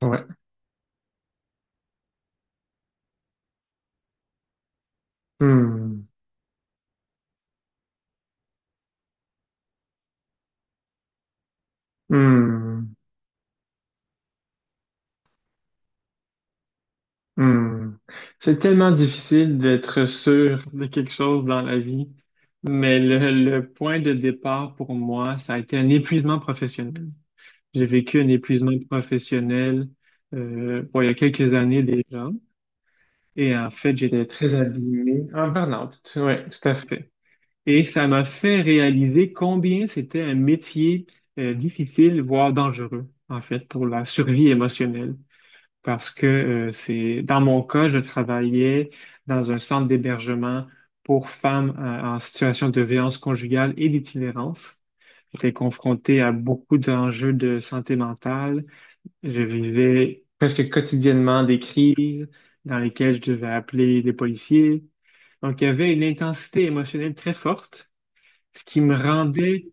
Ouais. Hmm. Hmm. Hmm. C'est tellement difficile d'être sûr de quelque chose dans la vie, mais le point de départ pour moi, ça a été un épuisement professionnel. J'ai vécu un épuisement professionnel bon, il y a quelques années déjà, et en fait, j'étais très abîmé, en burn-out, ouais, tout à fait. Et ça m'a fait réaliser combien c'était un métier difficile, voire dangereux, en fait, pour la survie émotionnelle. Parce que c'est dans mon cas, je travaillais dans un centre d'hébergement pour femmes en situation de violence conjugale et d'itinérance. J'étais confronté à beaucoup d'enjeux de santé mentale. Je vivais presque quotidiennement des crises dans lesquelles je devais appeler les policiers. Donc, il y avait une intensité émotionnelle très forte, ce qui me rendait,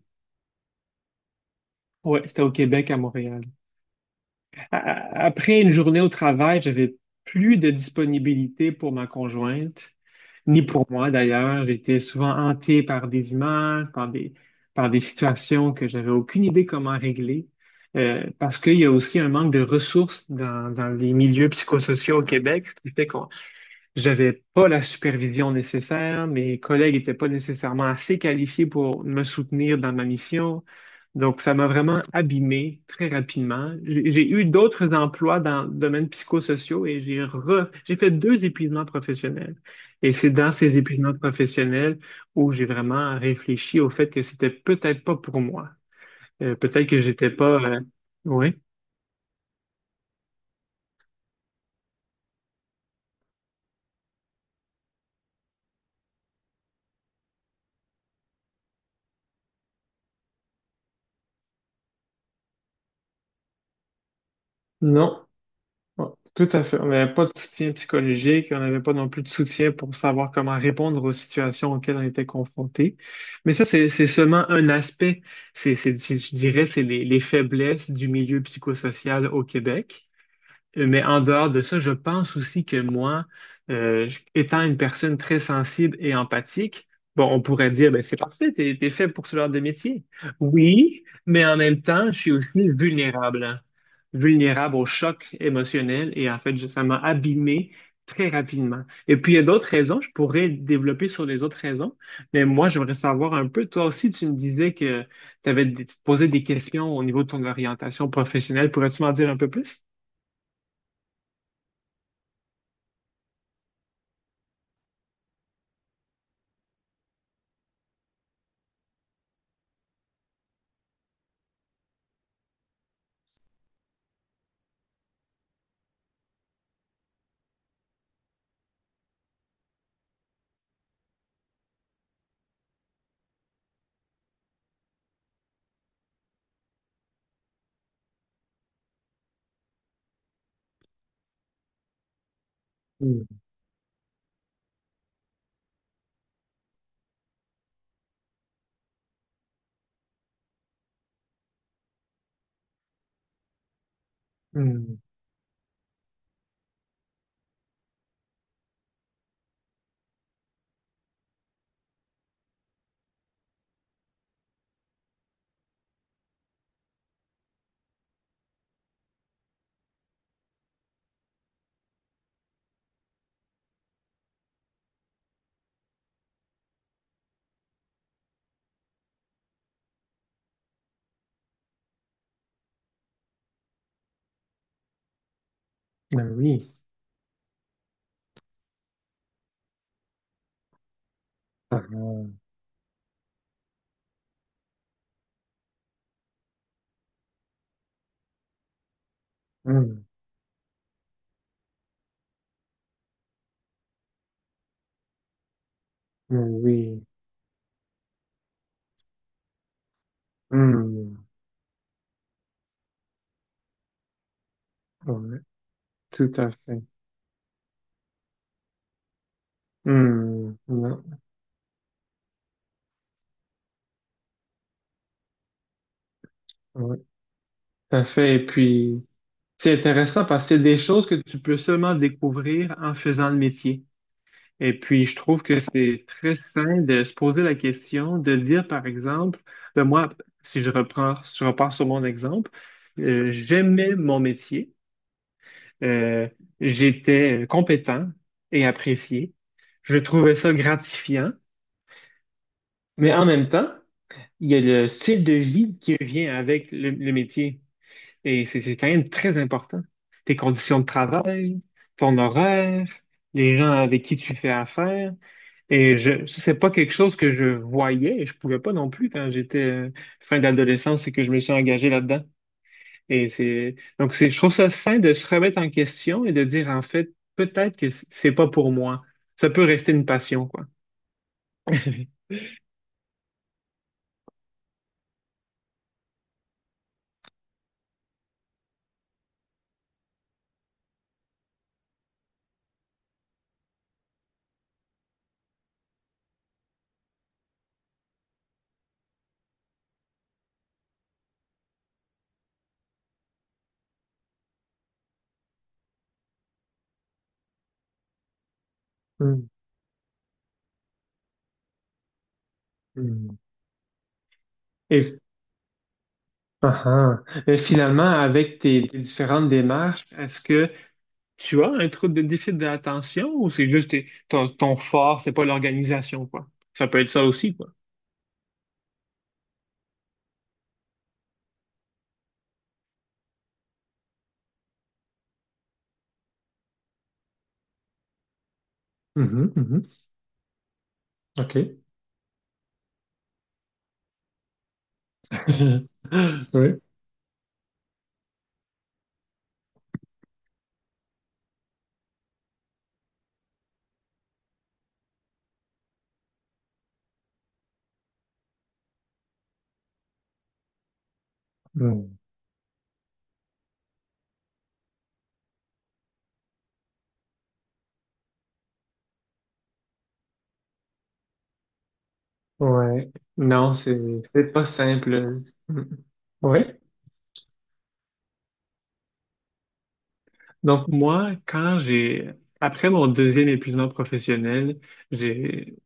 ouais, c'était au Québec, à Montréal. a- Après une journée au travail, j'avais plus de disponibilité pour ma conjointe, ni pour moi d'ailleurs. J'étais souvent hanté par des images, par des situations que j'avais aucune idée comment régler. Parce qu'il y a aussi un manque de ressources dans les milieux psychosociaux au Québec, ce qui fait qu'on, j'avais pas la supervision nécessaire, mes collègues n'étaient pas nécessairement assez qualifiés pour me soutenir dans ma mission. Donc, ça m'a vraiment abîmé très rapidement. J'ai eu d'autres emplois dans le domaine psychosociaux et j'ai fait deux épuisements professionnels. Et c'est dans ces épuisements professionnels où j'ai vraiment réfléchi au fait que c'était peut-être pas pour moi. Peut-être que j'étais pas, oui. Non, ouais, tout à fait. On n'avait pas de soutien psychologique, on n'avait pas non plus de soutien pour savoir comment répondre aux situations auxquelles on était confronté. Mais ça, c'est seulement un aspect. Je dirais, c'est les faiblesses du milieu psychosocial au Québec. Mais en dehors de ça, je pense aussi que moi, étant une personne très sensible et empathique, bon, on pourrait dire, ben, c'est parfait, t'es fait pour ce genre de métier. Oui, mais en même temps, je suis aussi vulnérable, hein. Vulnérable au choc émotionnel et en fait, ça m'a abîmé très rapidement. Et puis, il y a d'autres raisons, je pourrais développer sur les autres raisons, mais moi, j'aimerais savoir un peu, toi aussi, tu me disais que tu avais posé des questions au niveau de ton orientation professionnelle. Pourrais-tu m'en dire un peu plus? Hmm. Ben oui. Ah, mmh. Ben oui. Hmm. Ouais, tout à fait. Hmm. Non, ouais, tout à fait. Et puis, c'est intéressant parce que c'est des choses que tu peux seulement découvrir en faisant le métier. Et puis, je trouve que c'est très sain de se poser la question, de dire, par exemple, ben moi, si je reprends, si je repars sur mon exemple, j'aimais mon métier. Euh, J'étais compétent et apprécié. Je trouvais ça gratifiant, mais en même temps, il y a le style de vie qui vient avec le métier. Et c'est quand même très important. Tes conditions de travail, ton horaire, les gens avec qui tu fais affaire. Et ça, c'est pas quelque chose que je voyais et je pouvais pas non plus quand j'étais fin d'adolescence et que je me suis engagé là-dedans. Et c'est donc c'est je trouve ça sain de se remettre en question et de dire en fait peut-être que c'est pas pour moi. Ça peut rester une passion quoi. Hmm, hmm. Et, ah, ah. Mais finalement, avec tes différentes démarches, est-ce que... Tu as un trouble de déficit d'attention ou c'est juste ton fort, c'est pas l'organisation quoi. Ça peut être ça aussi quoi. Mhm, mhm. OK. Oui. Mm. Ouais. Non, c'est pas simple. Mm. Ouais. Donc moi, quand j'ai après mon deuxième épuisement professionnel, j'ai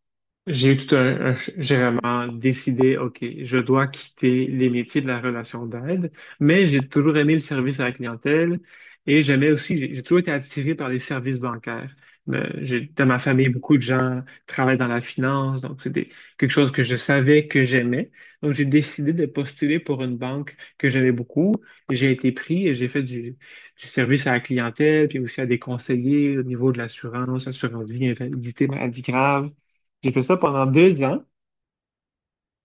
j'ai eu tout un, j'ai vraiment décidé, OK, je dois quitter les métiers de la relation d'aide, mais j'ai toujours aimé le service à la clientèle et j'aimais aussi, j'ai toujours été attiré par les services bancaires. Mais j'ai, dans ma famille, beaucoup de gens travaillent dans la finance, donc c'était quelque chose que je savais que j'aimais. Donc j'ai décidé de postuler pour une banque que j'aimais beaucoup. Et j'ai été pris et j'ai fait du service à la clientèle, puis aussi à des conseillers au niveau de l'assurance, assurance vie, invalidité, maladie grave. J'ai fait ça pendant deux ans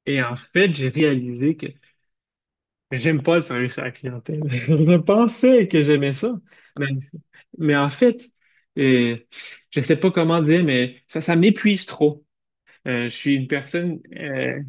et en fait, j'ai réalisé que j'aime pas le service à la clientèle. Je pensais que j'aimais ça, mais, mais en fait, euh, je sais pas comment dire, mais ça m'épuise trop. Je suis une personne,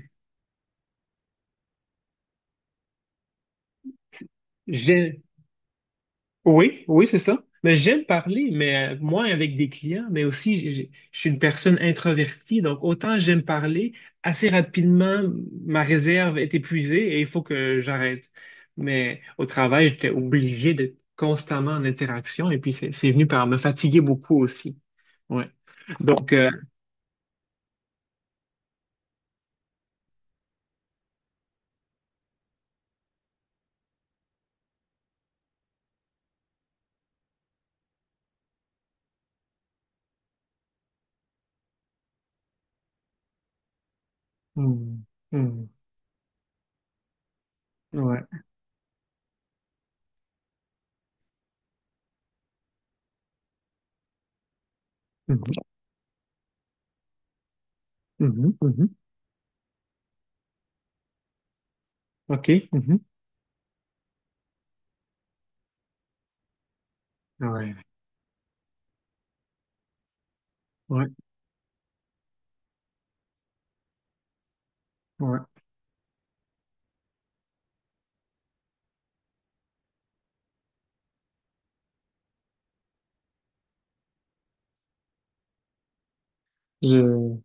oui, oui, c'est ça. Mais j'aime parler, mais moi avec des clients, mais aussi je suis une personne introvertie, donc autant j'aime parler, assez rapidement ma réserve est épuisée et il faut que j'arrête. Mais au travail, j'étais obligé d'être constamment en interaction et puis c'est venu par me fatiguer beaucoup aussi. Ouais. Donc hmm, hmm, ouais. Mhm, mhm, mhm. OK. Mhm. Ouais. Ouais. Ouais. Je-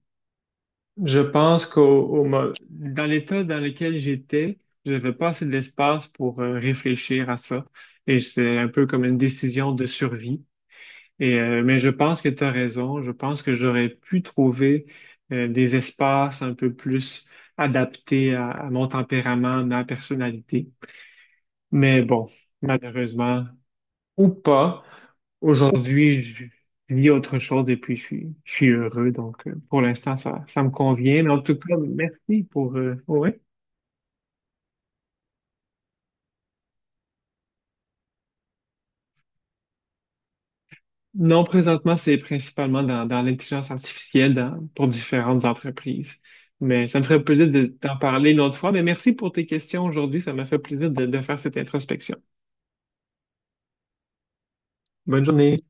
Je pense qu'dans l'état dans lequel j'étais, j'avais pas assez d'espace pour réfléchir à ça. Et c'est un peu comme une décision de survie. Mais je pense que tu as raison. Je pense que j'aurais pu trouver des espaces un peu plus adaptés à mon tempérament, ma personnalité. Mais bon, malheureusement, ou pas. Aujourd'hui, je vis autre chose et puis je suis heureux. Donc, pour l'instant, ça me convient. Mais en tout cas, merci pour... ouais. Non, présentement, c'est principalement dans l'intelligence artificielle pour différentes entreprises. Mais ça me ferait plaisir de t'en parler une autre fois. Mais merci pour tes questions aujourd'hui. Ça m'a fait plaisir de faire cette introspection. Bonne journée.